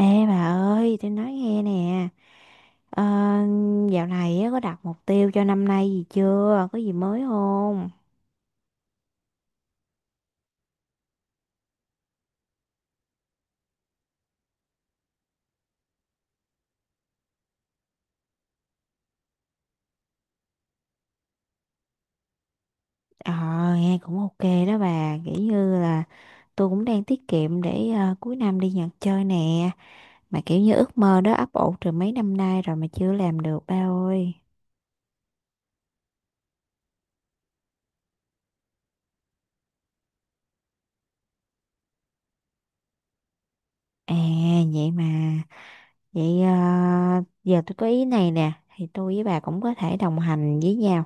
Ê bà ơi, tôi nói nghe nè, ờ, dạo này á, có đặt mục tiêu cho năm nay gì chưa? Có gì mới không? Ờ, nghe cũng ok đó bà, kiểu như là tôi cũng đang tiết kiệm để cuối năm đi Nhật chơi nè, mà kiểu như ước mơ đó ấp ủ từ mấy năm nay rồi mà chưa làm được ba ơi. À, vậy mà, vậy giờ tôi có ý này nè, thì tôi với bà cũng có thể đồng hành với nhau,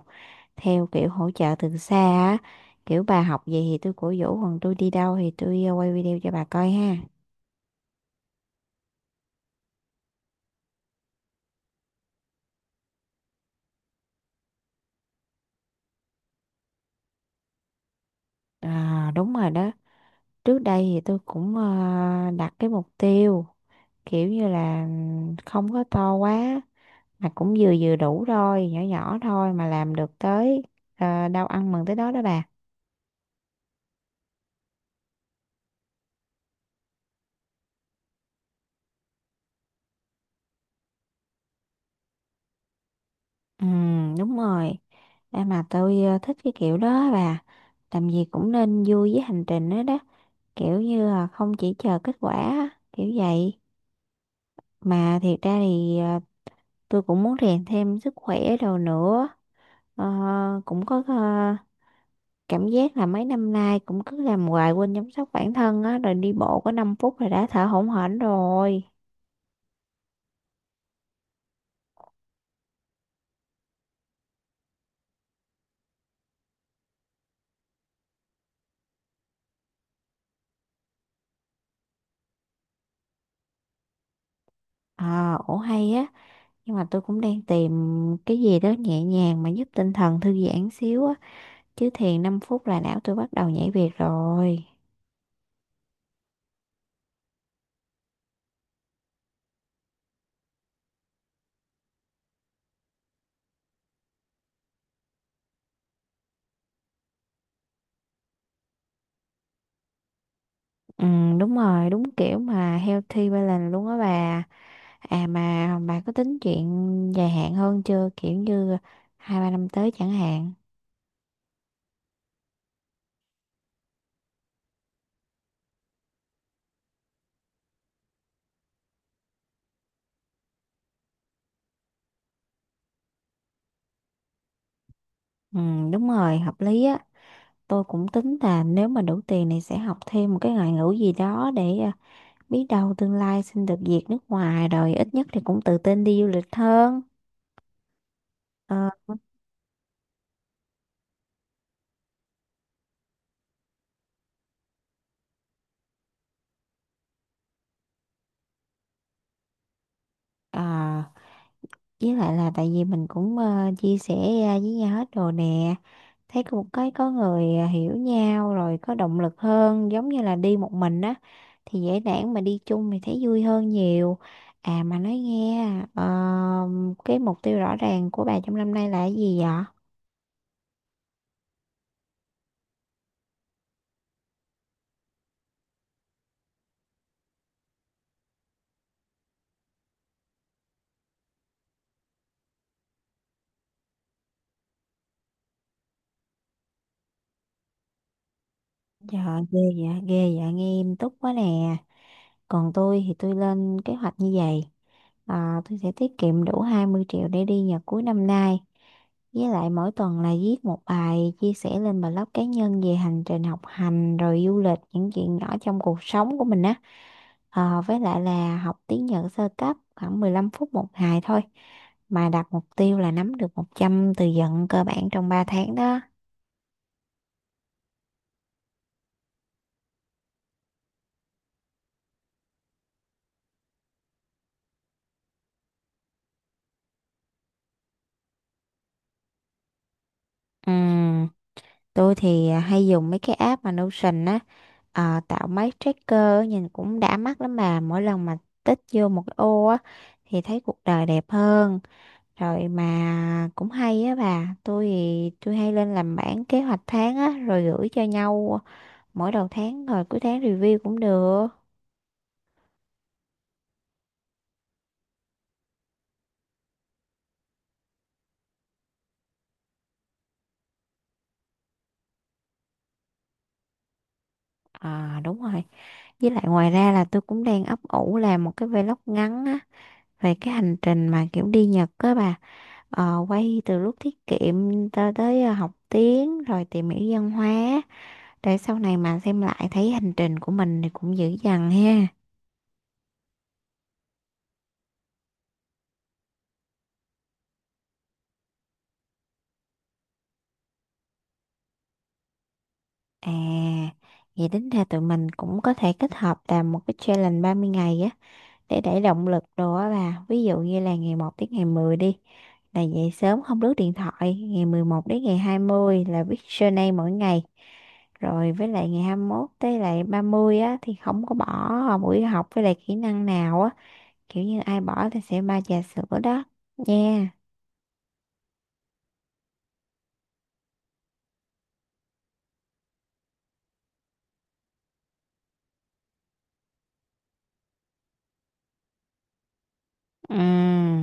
theo kiểu hỗ trợ từ xa á, kiểu bà học gì thì tôi cổ vũ, còn tôi đi đâu thì tôi quay video cho bà coi ha. À, đúng rồi đó. Trước đây thì tôi cũng đặt cái mục tiêu kiểu như là không có to quá, mà cũng vừa vừa đủ thôi, nhỏ nhỏ thôi, mà làm được tới đâu ăn mừng tới đó đó bà. Ừ, đúng rồi. À, mà tôi thích cái kiểu đó á bà, làm gì cũng nên vui với hành trình đó đó, kiểu như là không chỉ chờ kết quả á, kiểu vậy. Mà thiệt ra thì tôi cũng muốn rèn thêm sức khỏe đồ nữa. Ờ, cũng có cảm giác là mấy năm nay cũng cứ làm hoài quên chăm sóc bản thân á, rồi đi bộ có 5 phút là đã thở hổn hển rồi. Ờ, ổ hay á. Nhưng mà tôi cũng đang tìm cái gì đó nhẹ nhàng mà giúp tinh thần thư giãn xíu á. Chứ thiền 5 phút là não tôi bắt đầu nhảy việc rồi. Ừ, đúng rồi, đúng kiểu mà healthy balance luôn á bà. À mà bà có tính chuyện dài hạn hơn chưa? Kiểu như hai ba năm tới chẳng hạn. Ừ, đúng rồi, hợp lý á. Tôi cũng tính là nếu mà đủ tiền thì sẽ học thêm một cái ngoại ngữ gì đó để biết đâu tương lai xin được việc nước ngoài, rồi ít nhất thì cũng tự tin đi du lịch hơn. Ờ, à, với lại là tại vì mình cũng chia sẻ ra với nhau hết đồ nè, thấy cũng có người hiểu nhau rồi có động lực hơn, giống như là đi một mình á thì dễ nản, mà đi chung thì thấy vui hơn nhiều. À mà nói nghe ờ, cái mục tiêu rõ ràng của bà trong năm nay là cái gì vậy? Dạ ghê, dạ ghê, dạ nghe em tốt quá nè. Còn tôi thì tôi lên kế hoạch như vậy. Tôi sẽ tiết kiệm đủ 20 triệu để đi Nhật cuối năm nay. Với lại mỗi tuần là viết một bài chia sẻ lên blog cá nhân về hành trình học hành rồi du lịch, những chuyện nhỏ trong cuộc sống của mình á. Với lại là học tiếng Nhật sơ cấp khoảng 15 phút một ngày thôi, mà đặt mục tiêu là nắm được 100 từ vựng cơ bản trong 3 tháng đó. Ừ. Tôi thì hay dùng mấy cái app mà Notion á, tạo mấy tracker á, nhìn cũng đã mắt lắm bà. Mỗi lần mà tích vô một cái ô á thì thấy cuộc đời đẹp hơn. Rồi mà cũng hay á bà, tôi thì tôi hay lên làm bảng kế hoạch tháng á rồi gửi cho nhau mỗi đầu tháng, rồi cuối tháng review cũng được. À, đúng rồi. Với lại ngoài ra là tôi cũng đang ấp ủ làm một cái vlog ngắn á, về cái hành trình mà kiểu đi Nhật á bà. Quay từ lúc tiết kiệm cho tới học tiếng rồi tìm hiểu văn hóa, để sau này mà xem lại thấy hành trình của mình thì cũng dữ dằn ha. À, vậy tính ra tụi mình cũng có thể kết hợp làm một cái challenge 30 ngày á, để đẩy động lực đồ á bà. Ví dụ như là ngày một tới ngày 10 đi là dậy sớm không lướt điện thoại, ngày 11 đến ngày 20 là viết journal mỗi ngày. Rồi với lại ngày 21 tới lại 30 á thì không có bỏ buổi học với lại kỹ năng nào á, kiểu như ai bỏ thì sẽ ba trà sữa đó nha. Ừ,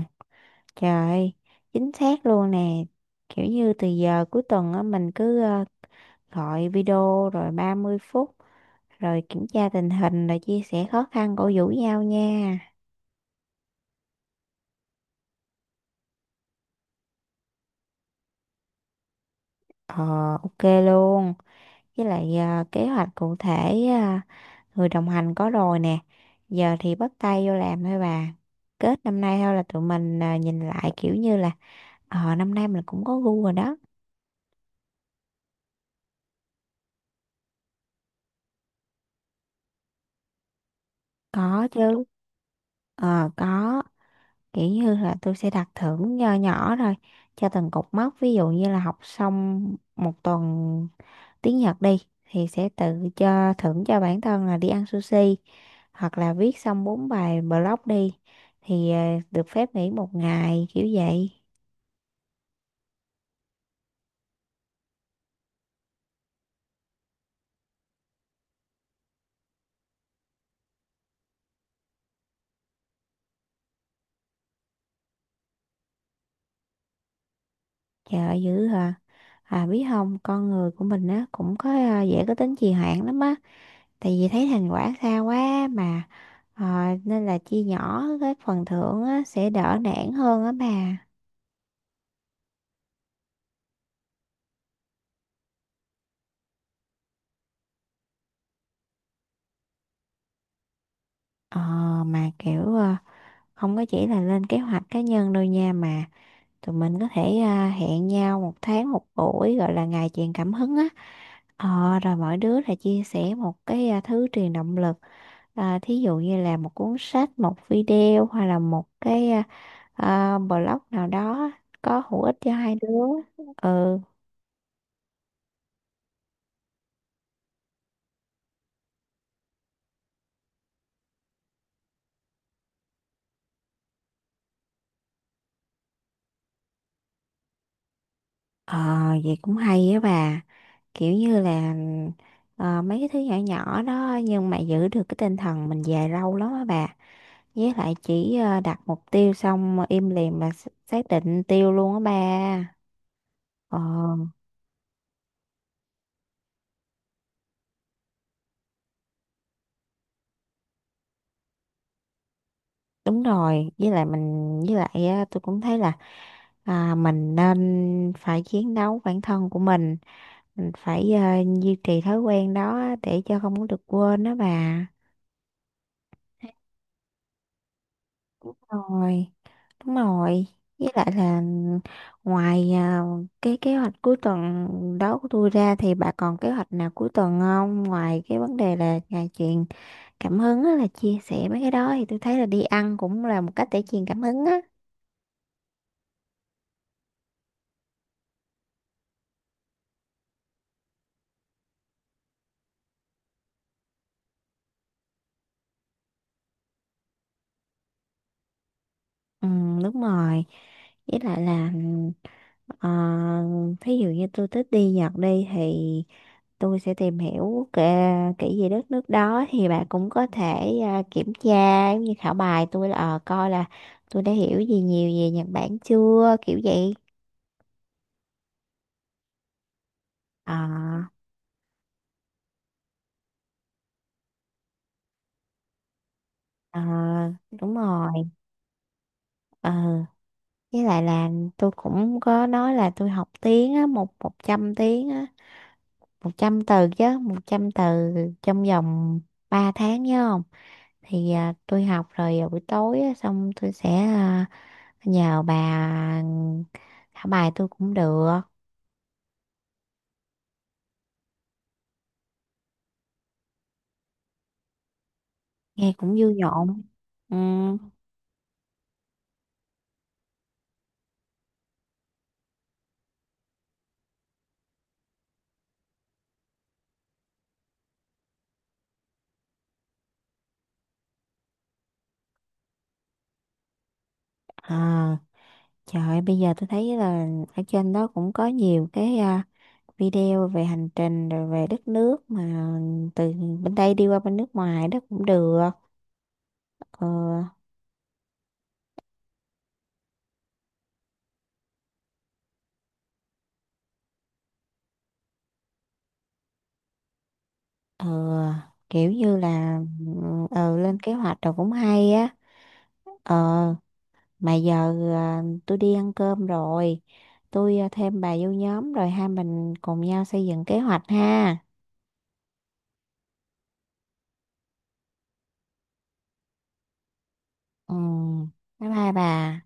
trời, chính xác luôn nè, kiểu như từ giờ cuối tuần á, mình cứ gọi video rồi 30 phút, rồi kiểm tra tình hình, rồi chia sẻ khó khăn, cổ vũ nhau nha. Ờ, ok luôn. Với lại kế hoạch cụ thể người đồng hành có rồi nè, giờ thì bắt tay vô làm thôi bà. Kết năm nay thôi là tụi mình nhìn lại kiểu như là năm nay mình cũng có gu rồi đó. Có chứ. Ờ có, kiểu như là tôi sẽ đặt thưởng nho nhỏ rồi cho từng cột mốc. Ví dụ như là học xong một tuần tiếng Nhật đi thì sẽ tự cho thưởng cho bản thân là đi ăn sushi, hoặc là viết xong bốn bài blog đi thì được phép nghỉ một ngày kiểu vậy. Trời ơi, dữ hả? À biết không, con người của mình á cũng có dễ có tính trì hoãn lắm á, tại vì thấy thành quả xa quá mà ờ, nên là chia nhỏ cái phần thưởng á, sẽ đỡ nản hơn á bà. ờ, mà kiểu không có chỉ là lên kế hoạch cá nhân đâu nha, mà tụi mình có thể hẹn nhau một tháng một buổi gọi là ngày truyền cảm hứng á. Rồi mỗi đứa là chia sẻ một cái thứ truyền động lực. À, thí dụ như là một cuốn sách, một video, hoặc là một cái blog nào đó có hữu ích cho hai đứa. Ừ. Ờ, vậy cũng hay á bà. Kiểu như là mấy cái thứ nhỏ nhỏ đó nhưng mà giữ được cái tinh thần mình dài lâu lắm á bà. Với lại chỉ đặt mục tiêu xong im lìm mà xác định mục tiêu luôn á bà. Ờ, đúng rồi. Với lại mình, với lại á, tôi cũng thấy là mình nên phải chiến đấu bản thân của mình. Mình phải duy trì thói quen đó để cho không có được quên đó bà. Rồi. Đúng rồi, với lại là ngoài cái kế hoạch cuối tuần đó của tôi ra thì bà còn kế hoạch nào cuối tuần không? Ngoài cái vấn đề là ngày truyền cảm hứng á, là chia sẻ mấy cái đó, thì tôi thấy là đi ăn cũng là một cách để truyền cảm hứng á. Ừ, đúng rồi. Với lại là Ờ, thí dụ như tôi thích đi Nhật đi thì tôi sẽ tìm hiểu kể, kỹ về đất nước đó thì bạn cũng có thể kiểm tra giống như khảo bài tôi, là coi là tôi đã hiểu gì nhiều về Nhật Bản chưa kiểu vậy. ờ ờ, đúng rồi. ờ với lại là tôi cũng có nói là tôi học tiếng á, một 100 tiếng á, 100 từ chứ, một trăm từ trong vòng 3 tháng, nhớ không? Thì tôi học rồi buổi tối á, xong tôi sẽ nhờ bà thả bài tôi cũng được. Nghe cũng vui nhộn. Ừ. à, trời ơi, bây giờ tôi thấy là ở trên đó cũng có nhiều cái video về hành trình rồi về đất nước mà từ bên đây đi qua bên nước ngoài đó cũng được. ờ, ờ, kiểu như là lên kế hoạch rồi cũng hay á. ờ mà giờ tôi đi ăn cơm rồi, tôi thêm bà vô nhóm rồi hai mình cùng nhau xây dựng kế hoạch ha. Ừ, bye bye bà.